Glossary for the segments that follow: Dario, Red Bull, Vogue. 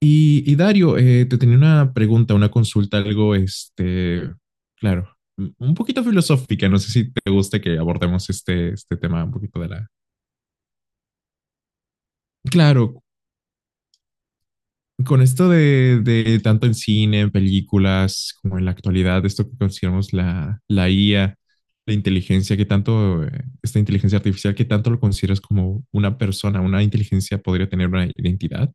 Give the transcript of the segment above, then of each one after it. Y Dario, te tenía una pregunta, una consulta, algo, claro, un poquito filosófica. No sé si te gusta que abordemos este tema un poquito de la... Claro, con esto de tanto en cine, en películas, como en la actualidad, esto que consideramos la IA, la inteligencia, que tanto, esta inteligencia artificial, ¿qué tanto lo consideras como una persona, una inteligencia podría tener una identidad?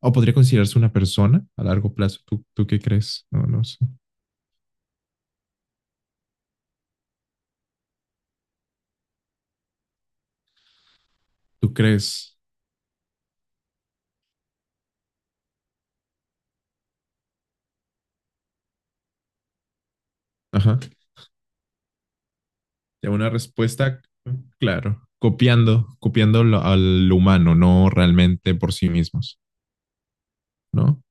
¿O podría considerarse una persona a largo plazo? ¿Tú qué crees? No sé. ¿Tú crees? Ajá. Ya una respuesta, claro, copiando lo- al humano, no realmente por sí mismos, ¿no?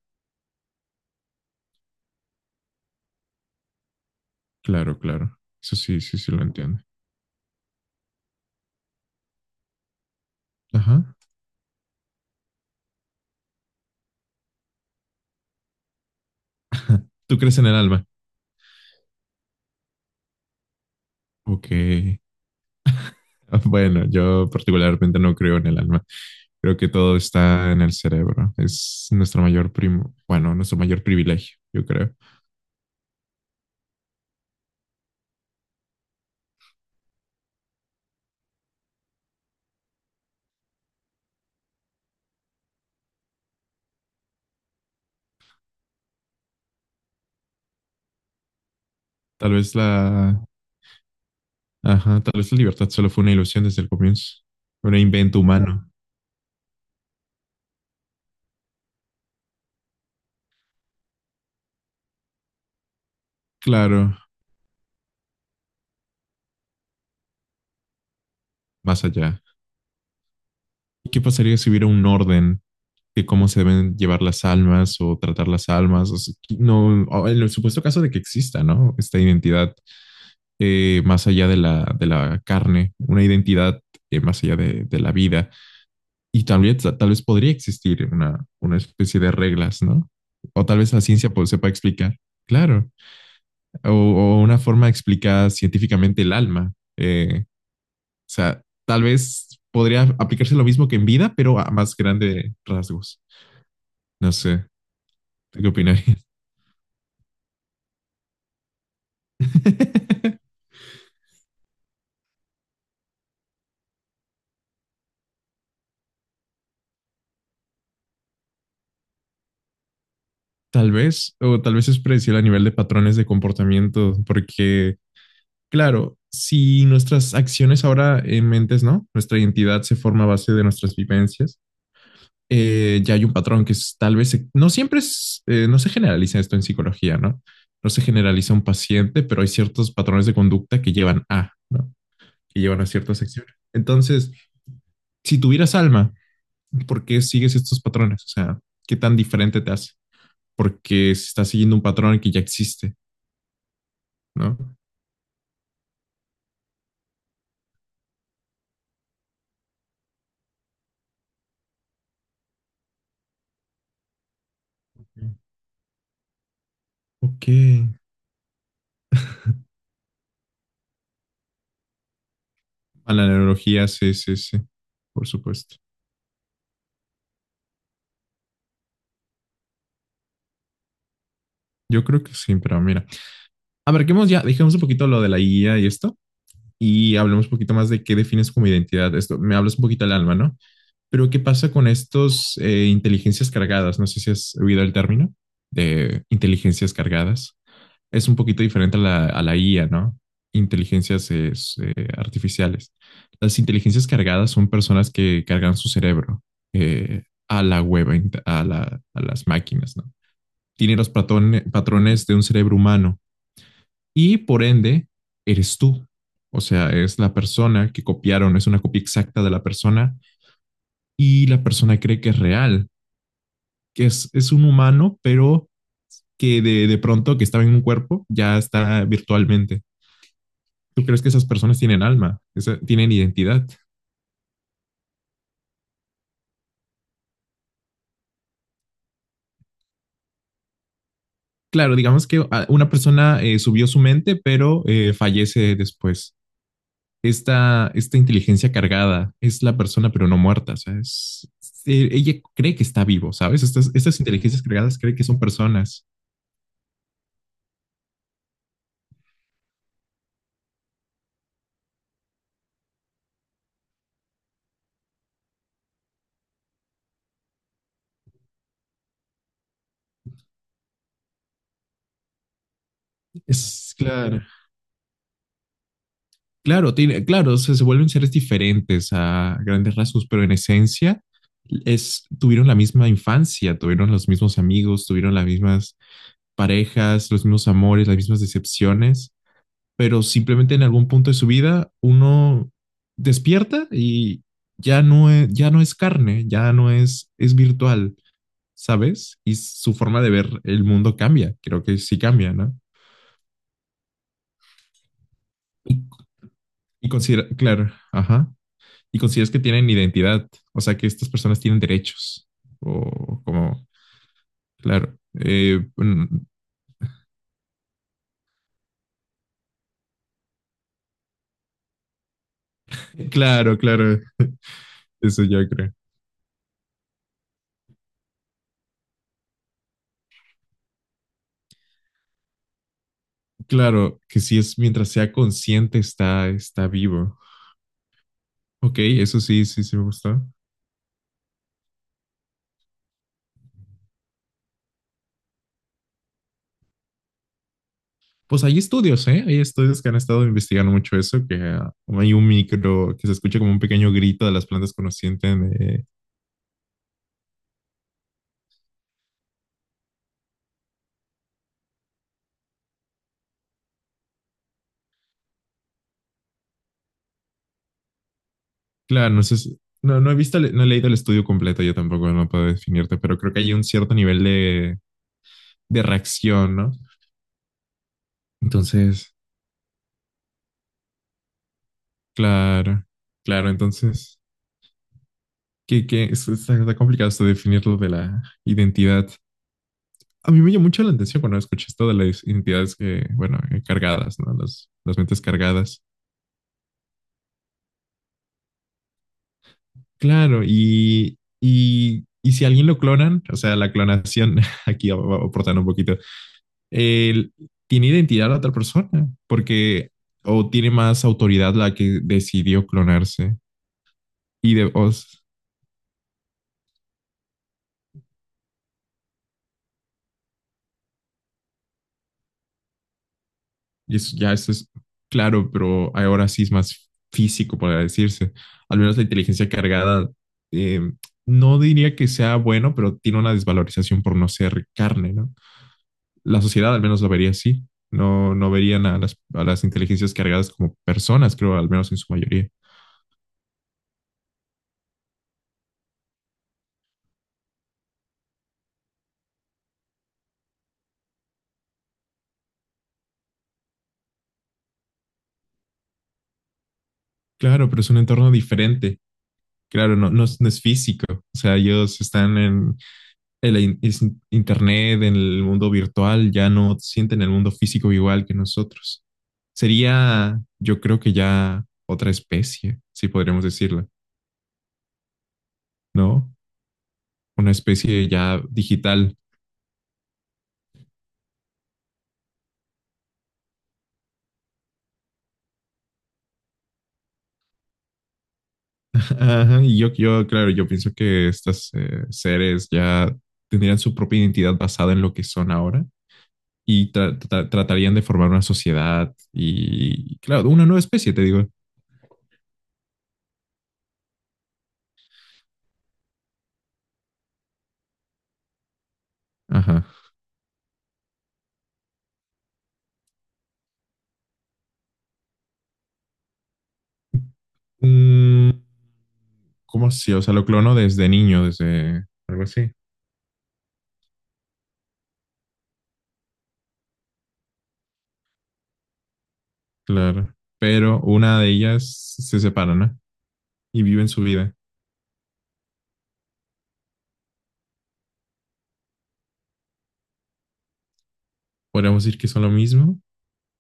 Claro, claro. Eso sí, sí, sí lo entiendo. Ajá. ¿Tú crees en el alma? Ok. Ah, bueno, yo particularmente no creo en el alma. Creo que todo está en el cerebro. Es nuestro mayor primo, bueno, nuestro mayor privilegio, yo creo. Tal vez la, ajá, tal vez la libertad solo fue una ilusión desde el comienzo, un invento humano. Claro, más allá. ¿Qué pasaría si hubiera un orden de cómo se deben llevar las almas o tratar las almas? O sea, qui- no, o en el supuesto caso de que exista, ¿no? Esta identidad más allá de la carne, una identidad más allá de la vida. Y tal vez podría existir una especie de reglas, ¿no? O tal vez la ciencia pues, sepa explicar, claro. O una forma explicada científicamente el alma. O sea, tal vez podría aplicarse lo mismo que en vida, pero a más grandes rasgos. No sé, ¿tú qué opinas? Tal vez, o tal vez es predecible a nivel de patrones de comportamiento, porque, claro, si nuestras acciones ahora en mentes, ¿no? Nuestra identidad se forma a base de nuestras vivencias. Ya hay un patrón que es- tal vez, se- no siempre es, no se generaliza esto en psicología, ¿no? No se generaliza un paciente, pero hay ciertos patrones de conducta que llevan a, ¿no? Que llevan a ciertas acciones. Entonces, si tuvieras alma, ¿por qué sigues estos patrones? O sea, ¿qué tan diferente te hace? Porque se está siguiendo un patrón que ya existe, ¿no? Ok. A la neurología, sí, sí, sí, por supuesto. Yo creo que sí, pero mira. Abarquemos ya, dejemos un poquito lo de la guía y esto, y hablemos un poquito más de qué defines como identidad. Esto me hablas un poquito al alma, ¿no? Pero ¿qué pasa con estos inteligencias cargadas? No sé si has oído el término de inteligencias cargadas. Es un poquito diferente a la IA, ¿no? Inteligencias artificiales. Las inteligencias cargadas son personas que cargan su cerebro a la web, a, la, a las máquinas, ¿no? Tiene los patrone- patrones de un cerebro humano y por ende eres tú. O sea, es la persona que copiaron, es una copia exacta de la persona y la persona cree que es real, que es un humano, pero que de pronto que estaba en un cuerpo ya está virtualmente. ¿Tú crees que esas personas tienen alma, esa, tienen identidad? Claro, digamos que ah, una persona subió su mente, pero fallece después. Esta inteligencia cargada es la persona, pero no muerta. O sea, es, ella cree que está vivo, ¿sabes? Estas inteligencias cargadas creen que son personas. Es claro. Claro, tiene, claro, se vuelven seres diferentes a grandes rasgos, pero en esencia es, tuvieron la misma infancia, tuvieron los mismos amigos, tuvieron las mismas parejas, los mismos amores, las mismas decepciones, pero simplemente en algún punto de su vida uno despierta y ya no es carne, ya no es, es virtual, ¿sabes? Y su forma de ver el mundo cambia, creo que sí cambia, ¿no? Y, y considera, claro, ajá. ¿Y consideras que tienen identidad? O sea, que estas personas tienen derechos. O como, claro, mm, claro, claro, eso yo creo. Claro, que si es mientras sea consciente está, está vivo. Ok, eso sí, sí, sí me gustó. Pues hay estudios, ¿eh? Hay estudios que han estado investigando mucho eso, que ah, hay un micro, que se escucha como un pequeño grito de las plantas conscientes. De- Claro, no sé, si- no, no he visto, el- no he leído el estudio completo, yo tampoco no puedo definirte, pero creo que hay un cierto nivel de reacción, ¿no? Entonces, claro, claro, entonces, que es- está, está complicado esto de definir lo de la identidad. A mí me llamó mucho la atención cuando escuché esto de las identidades que, bueno, cargadas, ¿no? Las mentes cargadas. Claro, y si alguien lo clonan, o sea, la clonación, aquí a- aportando un poquito, el- tiene identidad la otra persona, porque o tiene más autoridad la que decidió clonarse. Y de, o- Y eso ya, eso es claro, pero ahora sí es más físico, para decirse. Al menos la inteligencia cargada, eh, no diría que sea bueno, pero tiene una desvalorización por no ser carne, ¿no? La sociedad al menos lo vería así. No, no verían a las inteligencias cargadas como personas, creo, al menos en su mayoría. Claro, pero es un entorno diferente. Claro, no, no, es, no es físico. O sea, ellos están en el in- es in- internet, en el mundo virtual, ya no sienten el mundo físico igual que nosotros. Sería, yo creo que ya otra especie, si podríamos decirlo, ¿no? Una especie ya digital. Ajá, y yo, claro, yo pienso que estos seres ya tendrían su propia identidad basada en lo que son ahora y tra- tra- tratarían de formar una sociedad y, claro, una nueva especie, te digo. Ajá. Mm, ¿cómo así? O sea, lo clono desde niño, desde algo así. Claro. Pero una de ellas se separa, ¿no? Y viven su vida. Podríamos decir que son lo mismo.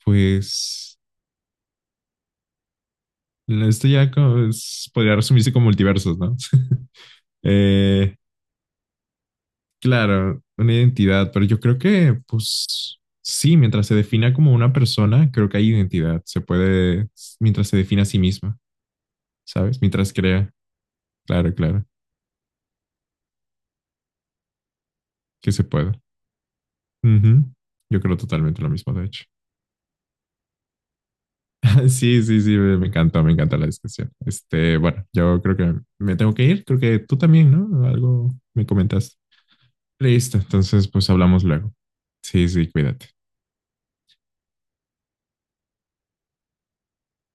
Pues esto ya como es- podría resumirse como multiversos, ¿no? Eh, claro, una identidad, pero yo creo que, pues sí, mientras se defina como una persona, creo que hay identidad. Se puede, mientras se define a sí misma, ¿sabes? Mientras crea. Claro, claro, que se puede. Ujú. Yo creo totalmente lo mismo, de hecho. Sí, sí, sí, me encantó, me encanta la discusión. Este, bueno, yo creo que me tengo que ir, creo que tú también, ¿no? Algo me comentas. Listo, entonces pues hablamos luego. Sí, sí, cuídate.